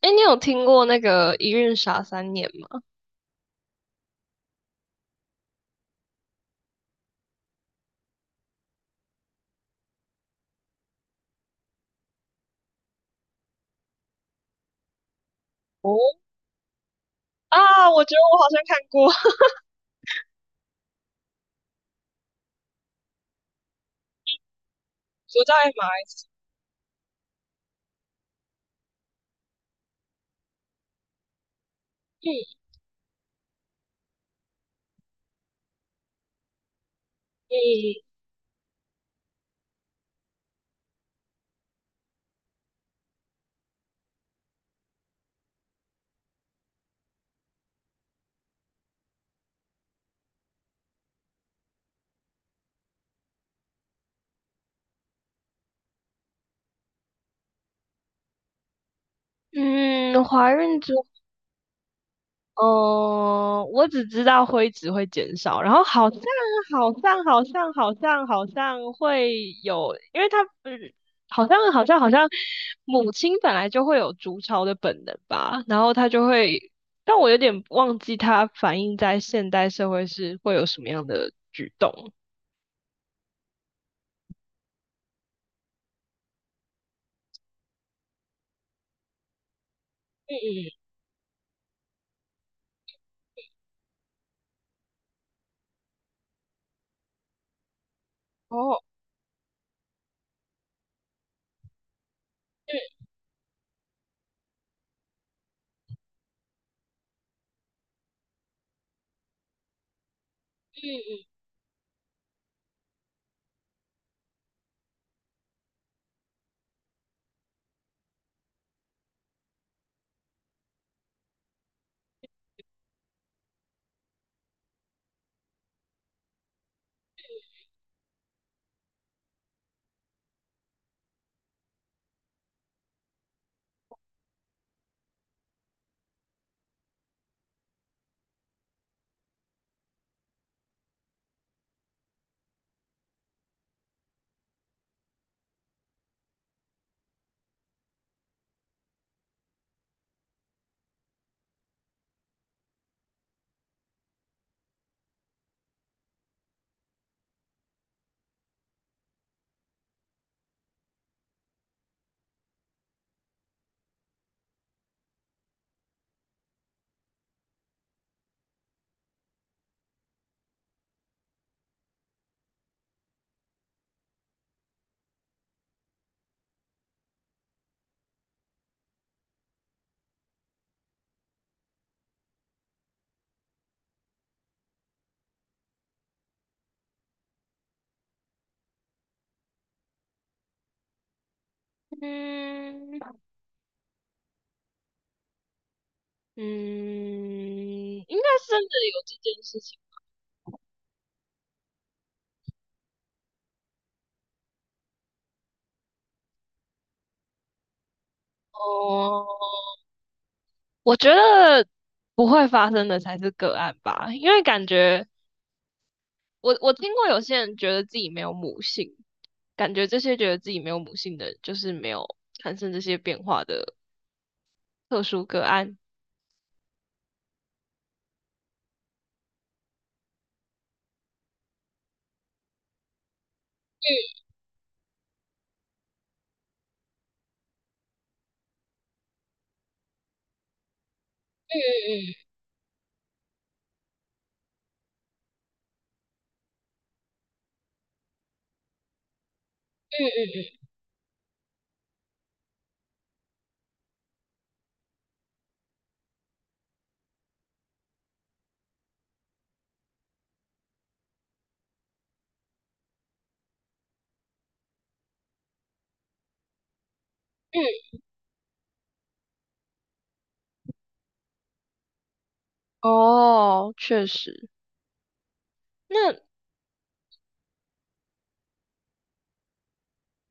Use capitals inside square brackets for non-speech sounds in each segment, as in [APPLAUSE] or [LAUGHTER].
哎，你有听过那个《一孕傻三年》吗？哦啊，我觉得我好像看过，我在马来西亚。嗯嗯嗯，怀孕之后，我只知道灰值会减少，然后好像好像好像好像好像会有，因为他嗯，好像好像好像母亲本来就会有筑巢的本能吧，然后它就会，但我有点忘记它反映在现代社会是会有什么样的举动。嗯嗯哦，嗯嗯嗯，嗯，应该是真的有这件事情。哦，我觉得不会发生的才是个案吧，因为感觉我听过有些人觉得自己没有母性，感觉这些觉得自己没有母性的人就是没有产生这些变化的特殊个案。嗯嗯嗯嗯。哦，确实。那嗯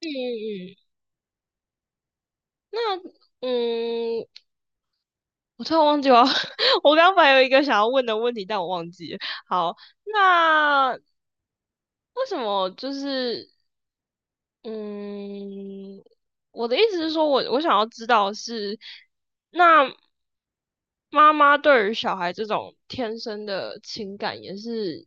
嗯，那嗯，我突然忘记了，[LAUGHS] 我刚刚本来有一个想要问的问题，但我忘记了。好，那为什么就是嗯，我的意思是说我想要知道的是，那妈妈对于小孩这种天生的情感也是，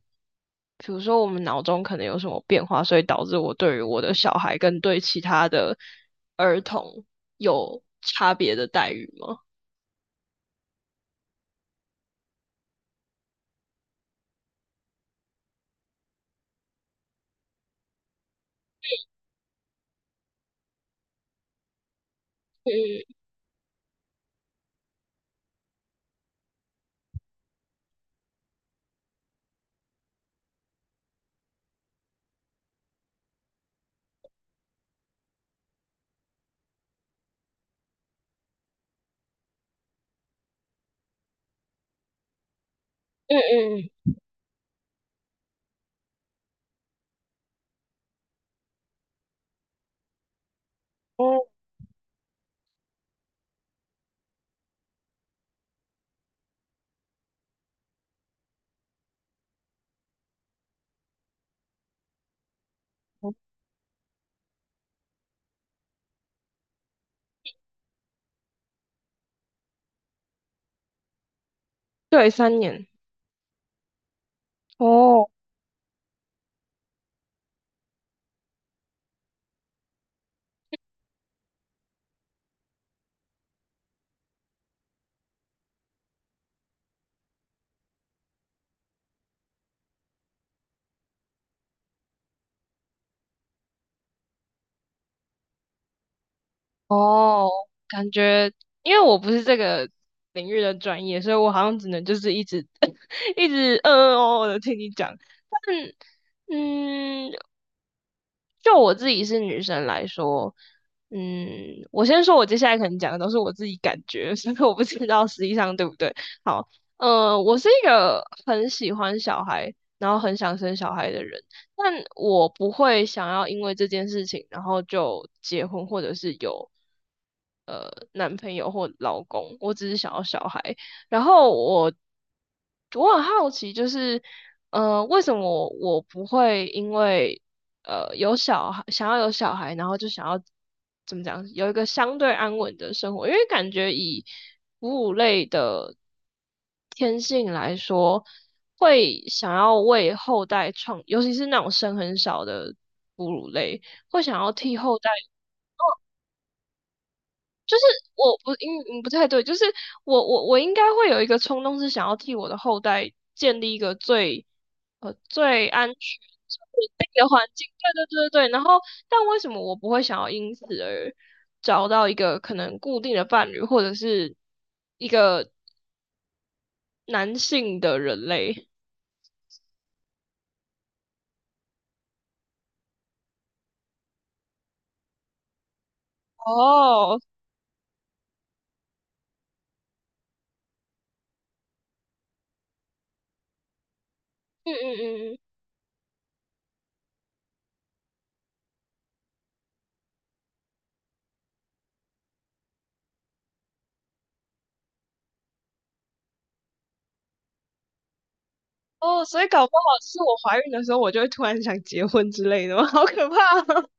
比如说我们脑中可能有什么变化，所以导致我对于我的小孩跟对其他的儿童有差别的待遇吗？嗯嗯嗯嗯，哦，对，三年。哦哦，感觉因为我不是这个领域的专业，所以我好像只能就是一直 [LAUGHS] 一直嗯嗯哦哦的听你讲。但嗯，就我自己是女生来说，嗯，我先说，我接下来可能讲的都是我自己感觉，[LAUGHS] 所以我不知道实际上对不对。好，我是一个很喜欢小孩，然后很想生小孩的人，但我不会想要因为这件事情，然后就结婚或者是有男朋友或老公，我只是想要小孩。然后我很好奇，就是为什么我不会因为有小孩，想要有小孩，然后就想要怎么讲，有一个相对安稳的生活，因为感觉以哺乳类的天性来说，会想要为后代创，尤其是那种生很少的哺乳类，会想要替后代我不应嗯不太对，就是我应该会有一个冲动，是想要替我的后代建立一个最最安全、最稳定的环境。对对对对对。然后，但为什么我不会想要因此而找到一个可能固定的伴侣，或者是一个男性的人类？哦，嗯嗯嗯嗯，哦，所以搞不好是我怀孕的时候，我就会突然想结婚之类的吗？[LAUGHS] 好可怕。哦！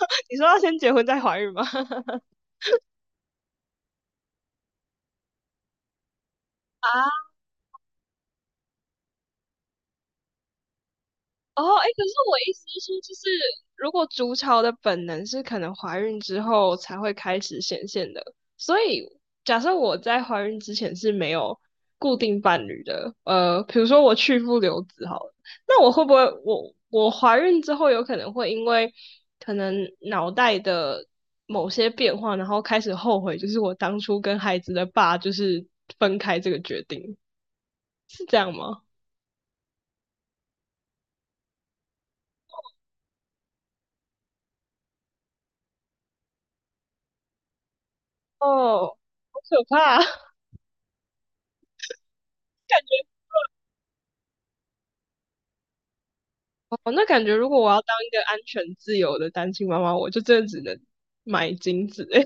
[LAUGHS] 你说要先结婚再怀孕吗？[LAUGHS] 啊，哦，哎，可是我意思是说，就是如果筑巢的本能是可能怀孕之后才会开始显现的，所以假设我在怀孕之前是没有固定伴侣的，比如说我去父留子好了，那我会不会我怀孕之后有可能会因为可能脑袋的某些变化，然后开始后悔，就是我当初跟孩子的爸就是分开这个决定，是这样吗？哦，好可怕啊，[LAUGHS] 感哦，那感觉如果我要当一个安全自由的单亲妈妈，我就真的只能买精子，[LAUGHS] 让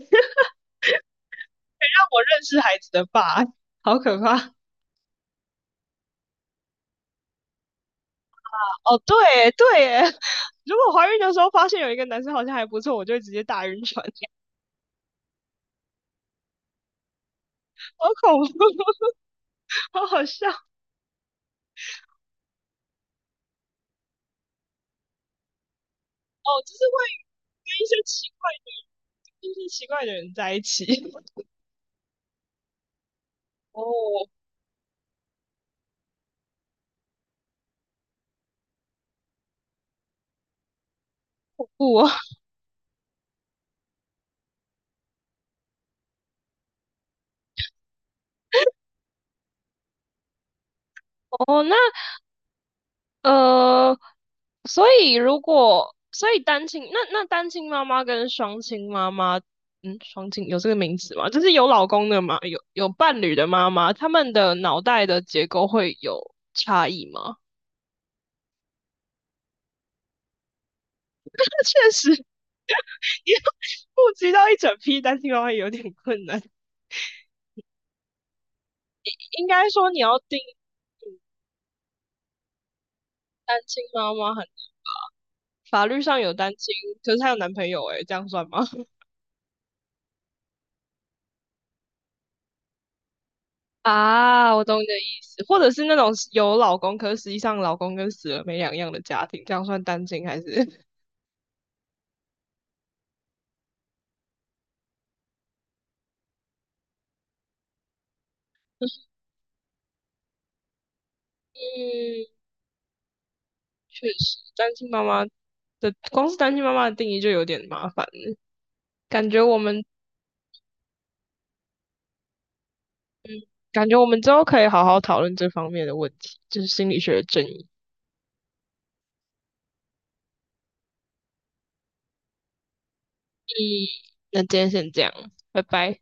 我认识孩子的爸，好可怕。哦，对耶对耶，如果怀孕的时候发现有一个男生好像还不错，我就会直接大晕船，[LAUGHS] 好恐怖，好好笑。哦，就是会跟一些奇怪的、一些奇怪的人在一起。[LAUGHS] 哦，不哦，那呃，所以如果所以单亲，那那单亲妈妈跟双亲妈妈，嗯，双亲有这个名字吗？就是有老公的妈，有伴侣的妈妈，他们的脑袋的结构会有差异吗？[LAUGHS] 那确实，[LAUGHS] 要顾及到一整批单亲妈妈有点困难。应该说你要定义单亲妈妈很，法律上有单亲，可是她有男朋友、欸，诶，这样算吗？啊，我懂你的意思，或者是那种有老公，可是实际上老公跟死了没两样的家庭，这样算单亲还是？[LAUGHS] 嗯，确实，单亲妈妈的光是单亲妈妈的定义就有点麻烦了，感觉我们感觉我们之后可以好好讨论这方面的问题，就是心理学的争议。嗯，那今天先这样，拜拜。